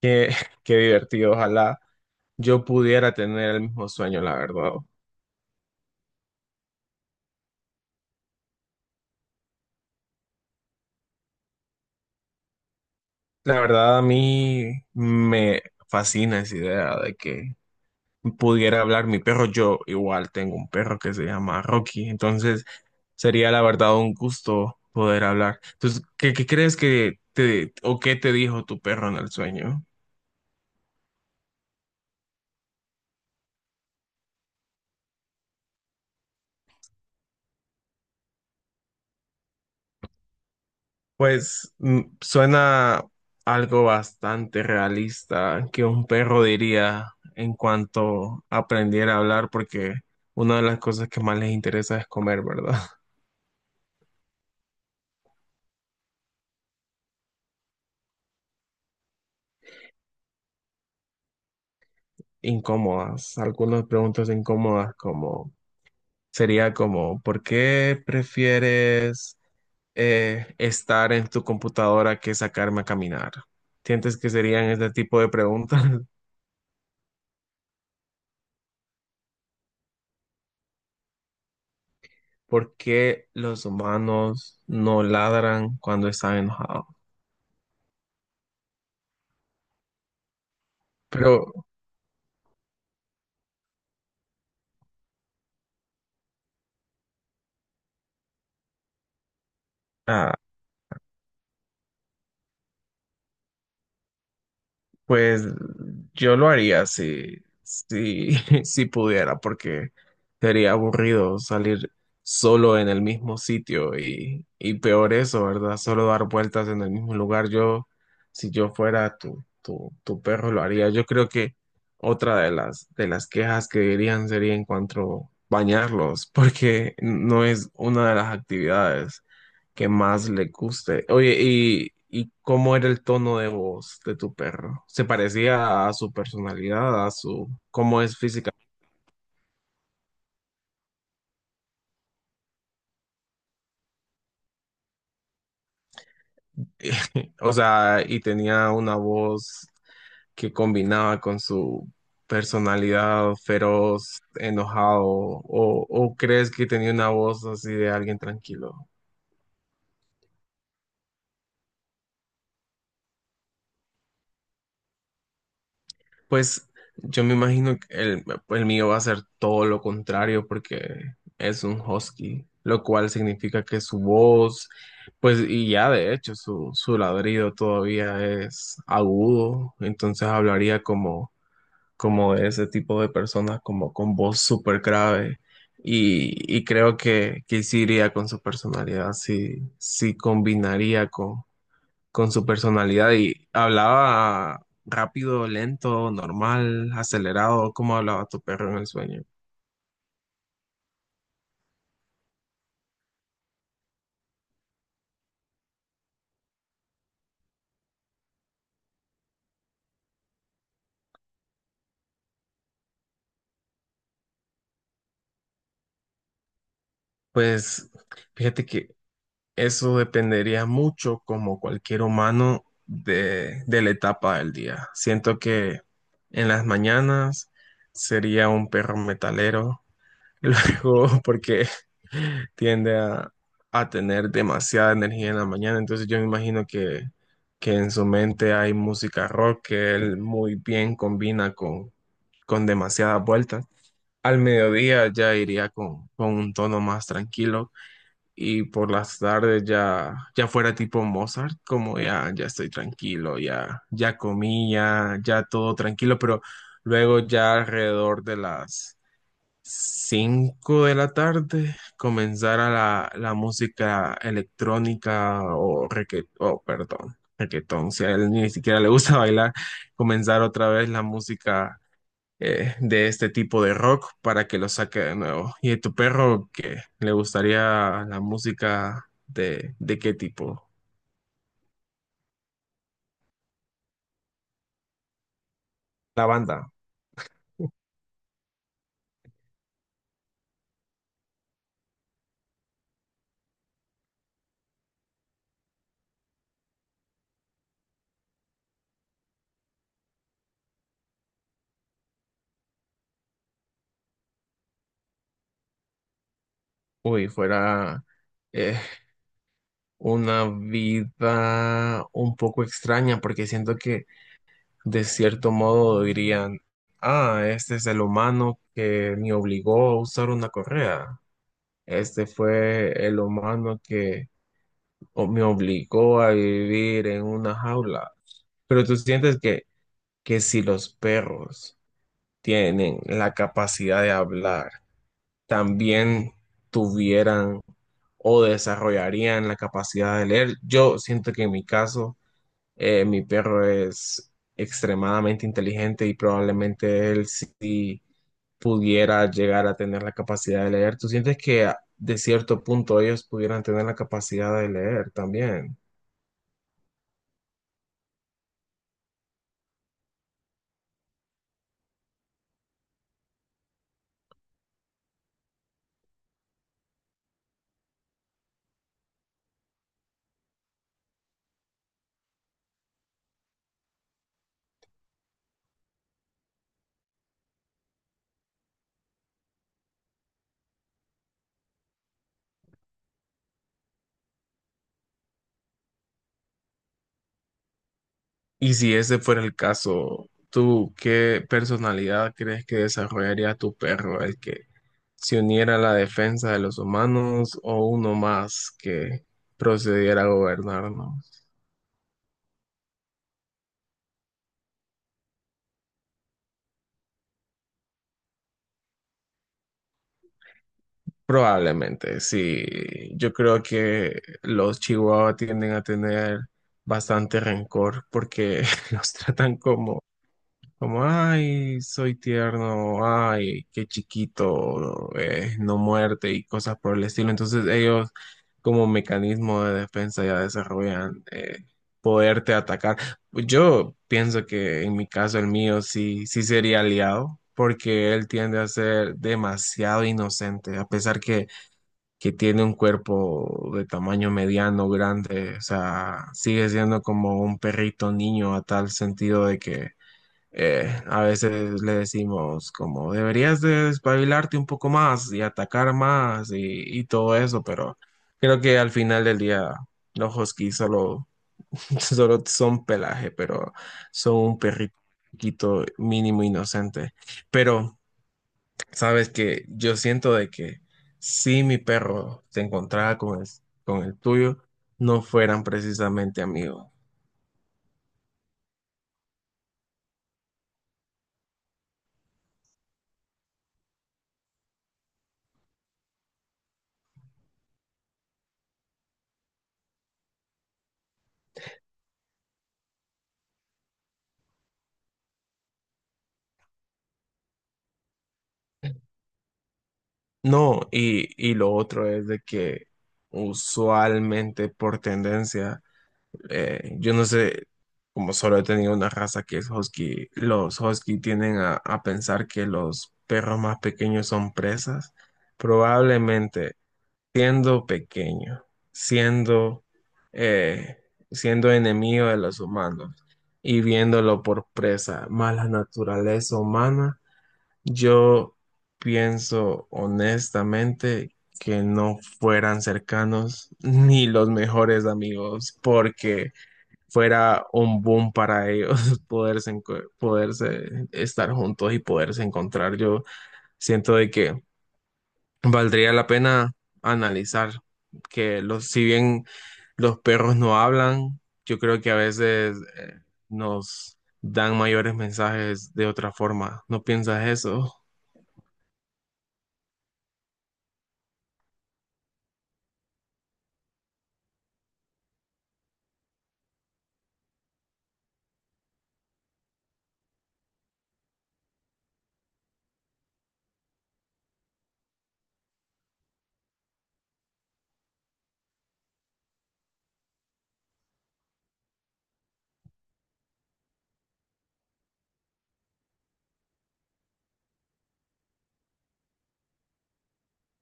Qué, qué divertido, ojalá yo pudiera tener el mismo sueño, la verdad. La verdad, a mí me fascina esa idea de que pudiera hablar mi perro. Yo igual tengo un perro que se llama Rocky, entonces sería la verdad un gusto poder hablar. Entonces, ¿qué crees que te o qué te dijo tu perro en el sueño? Pues mm, suena algo bastante realista que un perro diría en cuanto aprendiera a hablar, porque una de las cosas que más les interesa es comer, ¿verdad? Incómodas, algunas preguntas incómodas como sería como, ¿por qué prefieres estar en tu computadora que sacarme a caminar? ¿Sientes que serían este tipo de preguntas? ¿Por qué los humanos no ladran cuando están enojados? Pero, ah, pues yo lo haría si, si pudiera, porque sería aburrido salir solo en el mismo sitio y peor eso, ¿verdad? Solo dar vueltas en el mismo lugar. Yo, si yo fuera tu perro, lo haría. Yo creo que otra de las quejas que dirían sería en cuanto bañarlos, porque no es una de las actividades que más le guste. Oye, ¿y cómo era el tono de voz de tu perro? ¿Se parecía a su personalidad, a su cómo es física? O sea, y tenía una voz que combinaba con su personalidad feroz, enojado, o crees que tenía una voz así de alguien tranquilo? Pues yo me imagino que el mío va a ser todo lo contrario porque es un husky, lo cual significa que su voz, pues y ya de hecho su ladrido todavía es agudo, entonces hablaría como, como de ese tipo de personas, como con voz súper grave. Y creo que sí iría con su personalidad, sí combinaría con su personalidad y hablaba rápido, lento, normal, acelerado, ¿cómo hablaba tu perro en el sueño? Pues fíjate que eso dependería mucho, como cualquier humano, de la etapa del día. Siento que en las mañanas sería un perro metalero. Luego, porque tiende a tener demasiada energía en la mañana. Entonces yo me imagino que en su mente hay música rock que él muy bien combina con demasiadas vueltas. Al mediodía ya iría con un tono más tranquilo y por las tardes ya, ya fuera tipo Mozart, como ya, ya estoy tranquilo, ya, ya comí, ya, ya todo tranquilo, pero luego ya alrededor de las 5 de la tarde comenzara la música electrónica o reggae, oh, perdón, reggaetón, si a él ni siquiera le gusta bailar, comenzar otra vez la música de este tipo de rock para que lo saque de nuevo. ¿Y a tu perro qué le gustaría la música de qué tipo? La banda. Uy, fuera eh, una vida un poco extraña, porque siento que de cierto modo dirían, ah, este es el humano que me obligó a usar una correa. Este fue el humano que o me obligó a vivir en una jaula. Pero tú sientes que si los perros tienen la capacidad de hablar, también tuvieran o desarrollarían la capacidad de leer. Yo siento que en mi caso, mi perro es extremadamente inteligente y probablemente él sí pudiera llegar a tener la capacidad de leer. ¿Tú sientes que a- de cierto punto ellos pudieran tener la capacidad de leer también? Y si ese fuera el caso, ¿tú qué personalidad crees que desarrollaría tu perro? ¿El que se uniera a la defensa de los humanos o uno más que procediera a gobernarnos? Probablemente, sí. Yo creo que los chihuahuas tienden a tener bastante rencor porque los tratan como, como, ay, soy tierno, ay, qué chiquito, no muerte y cosas por el estilo. Entonces ellos como mecanismo de defensa ya desarrollan poderte atacar. Yo pienso que en mi caso el mío sí sería aliado porque él tiende a ser demasiado inocente, a pesar que tiene un cuerpo de tamaño mediano, grande, o sea, sigue siendo como un perrito niño a tal sentido de que a veces le decimos como deberías de despabilarte un poco más y atacar más y todo eso, pero creo que al final del día los huskies solo, solo son pelaje, pero son un perrito mínimo inocente. Pero sabes que yo siento de que si mi perro se encontraba con con el tuyo, no fueran precisamente amigos. No, y lo otro es de que usualmente por tendencia, yo no sé, como solo he tenido una raza que es husky, los husky tienden a pensar que los perros más pequeños son presas. Probablemente siendo pequeño, siendo, eh, siendo enemigo de los humanos y viéndolo por presa, más la naturaleza humana yo pienso honestamente que no fueran cercanos ni los mejores amigos, porque fuera un boom para ellos poderse, enco- poderse estar juntos y poderse encontrar. Yo siento de que valdría la pena analizar que los, si bien los perros no hablan, yo creo que a veces nos dan mayores mensajes de otra forma. ¿No piensas eso?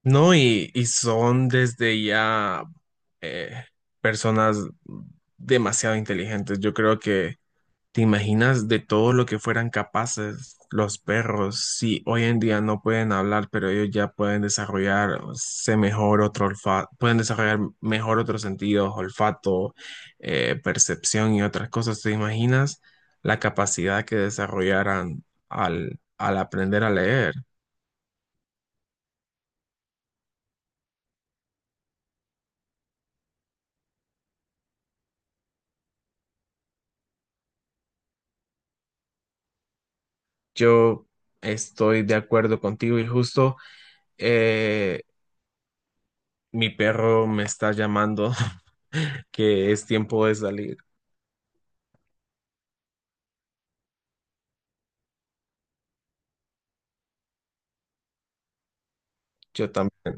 No, y son desde ya eh, personas demasiado inteligentes. Yo creo que te imaginas de todo lo que fueran capaces los perros. Si hoy en día no pueden hablar, pero ellos ya pueden desarrollarse mejor otro olfato, pueden desarrollar mejor otros sentidos, olfato, percepción y otras cosas. ¿Te imaginas la capacidad que desarrollaran al aprender a leer? Yo estoy de acuerdo contigo y justo eh, mi perro me está llamando que es tiempo de salir. Yo también,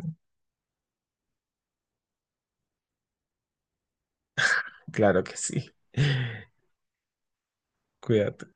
claro que sí. Cuídate.